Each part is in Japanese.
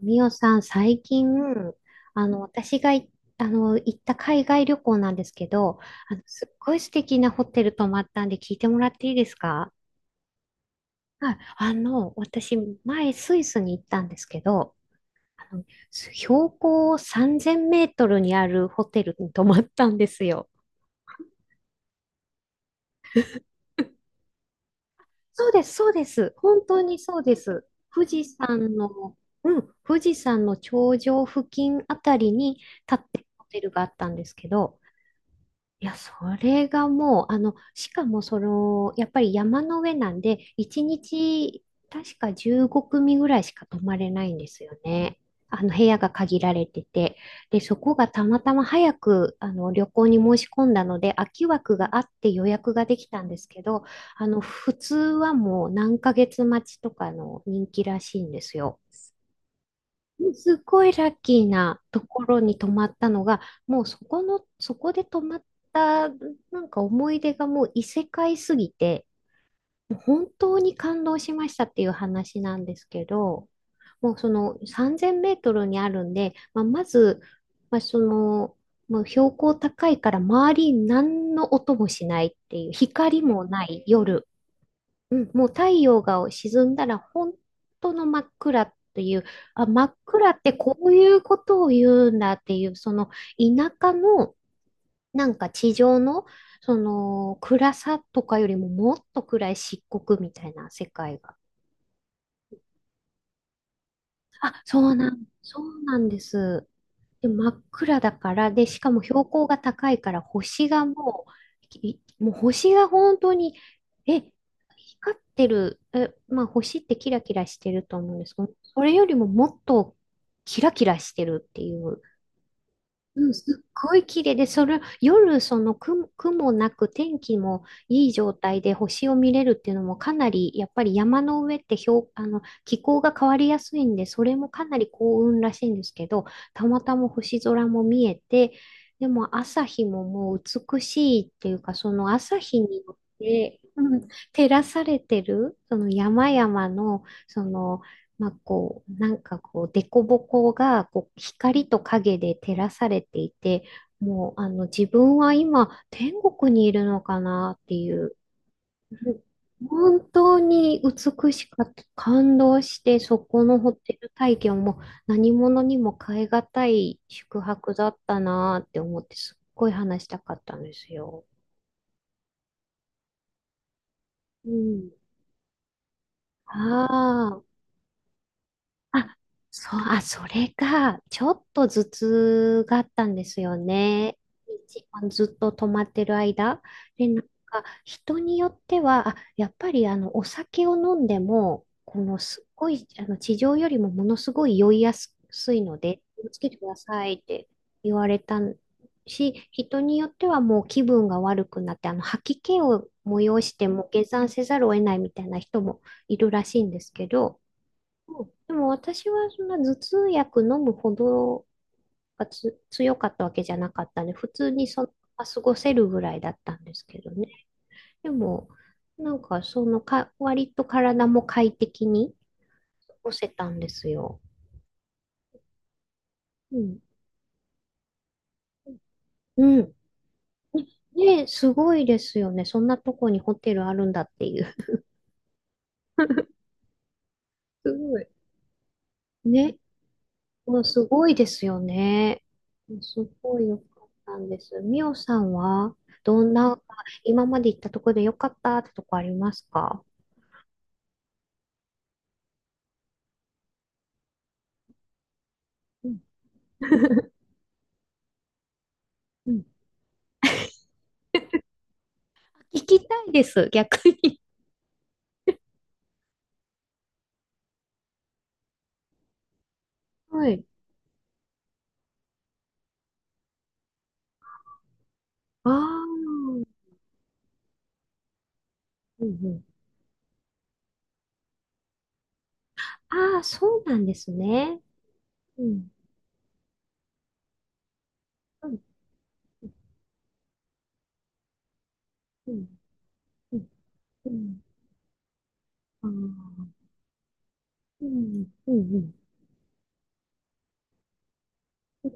みおさん、最近、私がい、行った海外旅行なんですけど、すっごい素敵なホテル泊まったんで聞いてもらっていいですか？はい。私、前、スイスに行ったんですけど、あの、標高3000メートルにあるホテルに泊まったんですよ。そうです、そうです。本当にそうです。富士山の、うん、富士山の頂上付近あたりに立ってるホテルがあったんですけど、いや、それがもう、しかもやっぱり山の上なんで、1日、確か15組ぐらいしか泊まれないんですよね。部屋が限られてて。で、そこがたまたま早く、旅行に申し込んだので、空き枠があって予約ができたんですけど、普通はもう何ヶ月待ちとかの人気らしいんですよ。すごいラッキーなところに泊まったのが、もうそこで泊まった、なんか思い出がもう異世界すぎて、もう本当に感動しましたっていう話なんですけど、もうその3000メートルにあるんで、まあ、まず、まあ、もう標高高いから周りに何の音もしないっていう、光もない夜、うん、もう太陽が沈んだら本当の真っ暗という、あ、真っ暗ってこういうことを言うんだっていう、その田舎の、なんか地上のその暗さとかよりももっと暗い漆黒みたいな世界が。あ、そうなんです。で、真っ暗だから、で、しかも標高が高いから、星がもう、星が本当に、え、光ってる、え、まあ星ってキラキラしてると思うんですけど、それよりももっとキラキラしてるっていう、うん、すっごい綺麗で、それ、夜、雲なく天気もいい状態で星を見れるっていうのもかなり、やっぱり山の上って標あの、気候が変わりやすいんで、それもかなり幸運らしいんですけど、たまたま星空も見えて、でも朝日ももう美しいっていうか、その朝日によって、うん、照らされてる、その山々の、その、まあ、こう、なんかこう、凸凹がこう光と影で照らされていて、もう、自分は今、天国にいるのかなっていう、本当に美しかった。感動して、そこのホテル体験も何者にも代えがたい宿泊だったなって思って、すっごい話したかったんですよ。うん。ああ。あ、そう、あ、それが、ちょっと頭痛があったんですよね。一番ずっと止まってる間。で、なんか、人によっては、あ、やっぱり、お酒を飲んでも、この、すっごい、地上よりもものすごい酔いやすいので、気をつけてくださいって言われたし、人によってはもう気分が悪くなって、吐き気を催しても、下山せざるを得ないみたいな人もいるらしいんですけど、うん、でも私はそんな頭痛薬飲むほど強かったわけじゃなかったんで、普通にそのまま過ごせるぐらいだったんですけどね。でも、なんかそのか、割と体も快適に過ごせたんですよ。うん。うん。ね、すごいですよね。そんなとこにホテルあるんだっていう。すごい。ね。うん、すごいですよね。すごい良かったんです。みおさんは、どんな、今まで行ったところで良かったってとこありますか？うん。うん。聞きたいです、逆に。はい。ああ、うん、うん。ああ、そうなんですね。うん。うん。うん。うん。うん。ああ、うん。うん。うん。う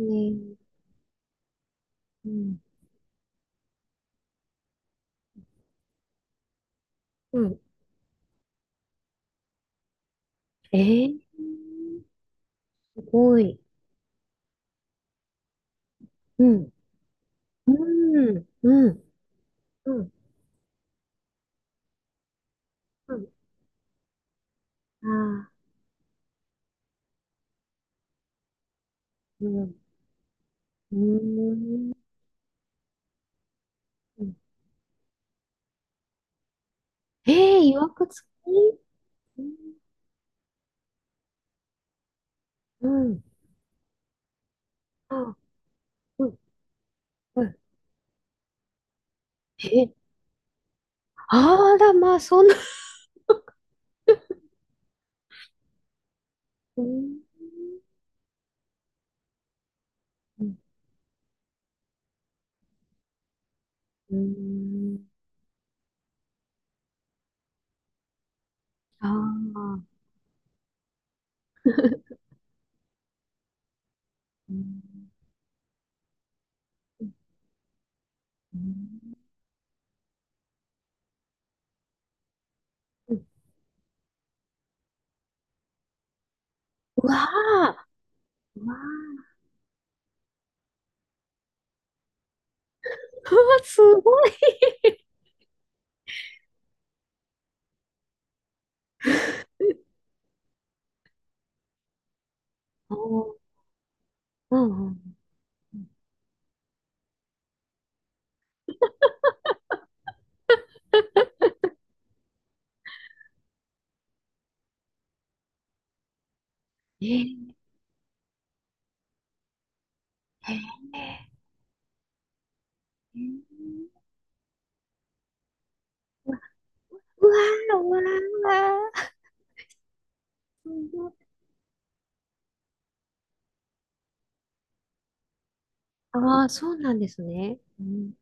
ん、ね。うん。うん。えー、すごい。うん。うん。うん。うん。うん。ああ、うん。うーん。ええ、いわくつき、うん。うん。あ、うん。うん。え、あら、まあ、そんな。うん。うん。うん、ああ。うーん。うん、うん、うわあ。うわあ。うわ、すごい。おー、うん、うん。ええ、へえ、うわ、うわ、うわ、すごい、ああ、そうなんですね。うん。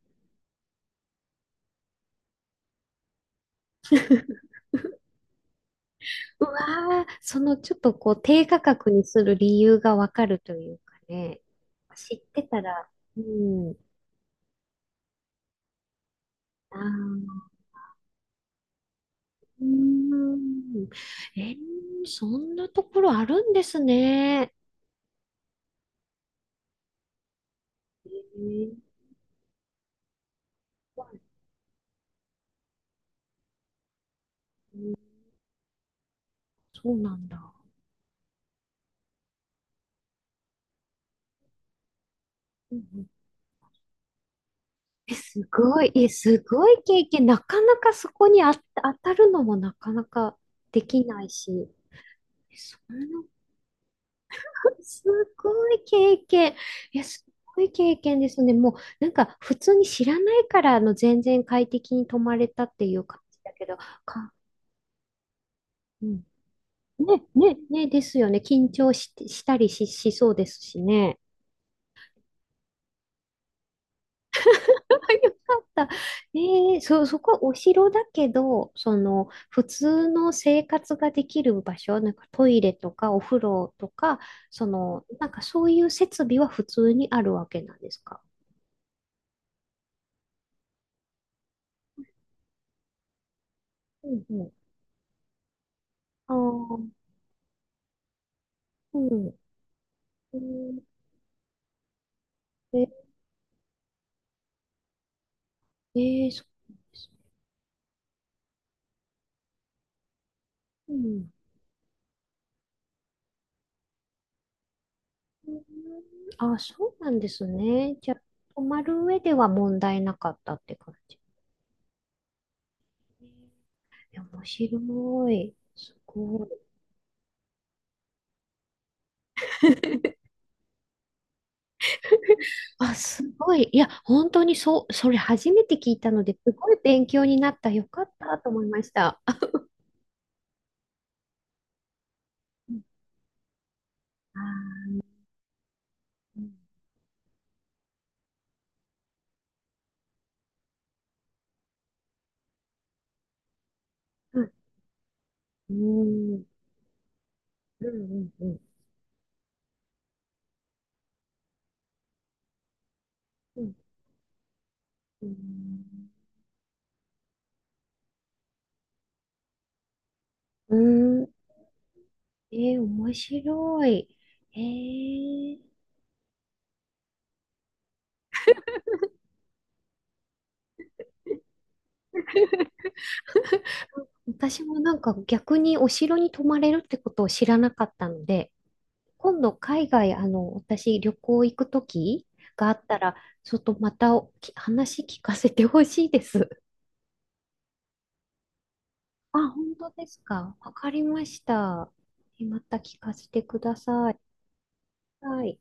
うわー、そのちょっとこう低価格にする理由がわかるというかね、知ってたら、うん、あー、うーん、えー、そんなところあるんですね。えー、そうなんだ。うん、うん、え、すごい、え、すごい経験、なかなかそこに当たるのもなかなかできないし、そんなすごい経験。いや、すごい経験ですね。もう、なんか、普通に知らないから、全然快適に泊まれたっていう感じだけど、か、うん。ね、ね、ね、ですよね。緊張し、したりし、しそうですしね。よかった。えそこはお城だけど、その、普通の生活ができる場所、なんかトイレとかお風呂とか、その、なんかそういう設備は普通にあるわけなんですか？うん、うん。うん。えー、えー、そうなんですね。うん。うん、あ、そうなんですね。じゃあ、泊まる上では問題なかったって感じ。えー、面白い。すごい。あ、すごい。いや、本当にそう、それ初めて聞いたので、すごい勉強になった。よかったと思いました。あ、あ、うん、うん、うん、うん、うん、うん、うん、うん、えー、面白い。えー、私もなんか逆にお城に泊まれるってことを知らなかったので、今度海外、私旅行行くときがあったら、ちょっとまたおき話聞かせてほしいです。あ、本当ですか。わかりました。え、また聞かせてください。はい。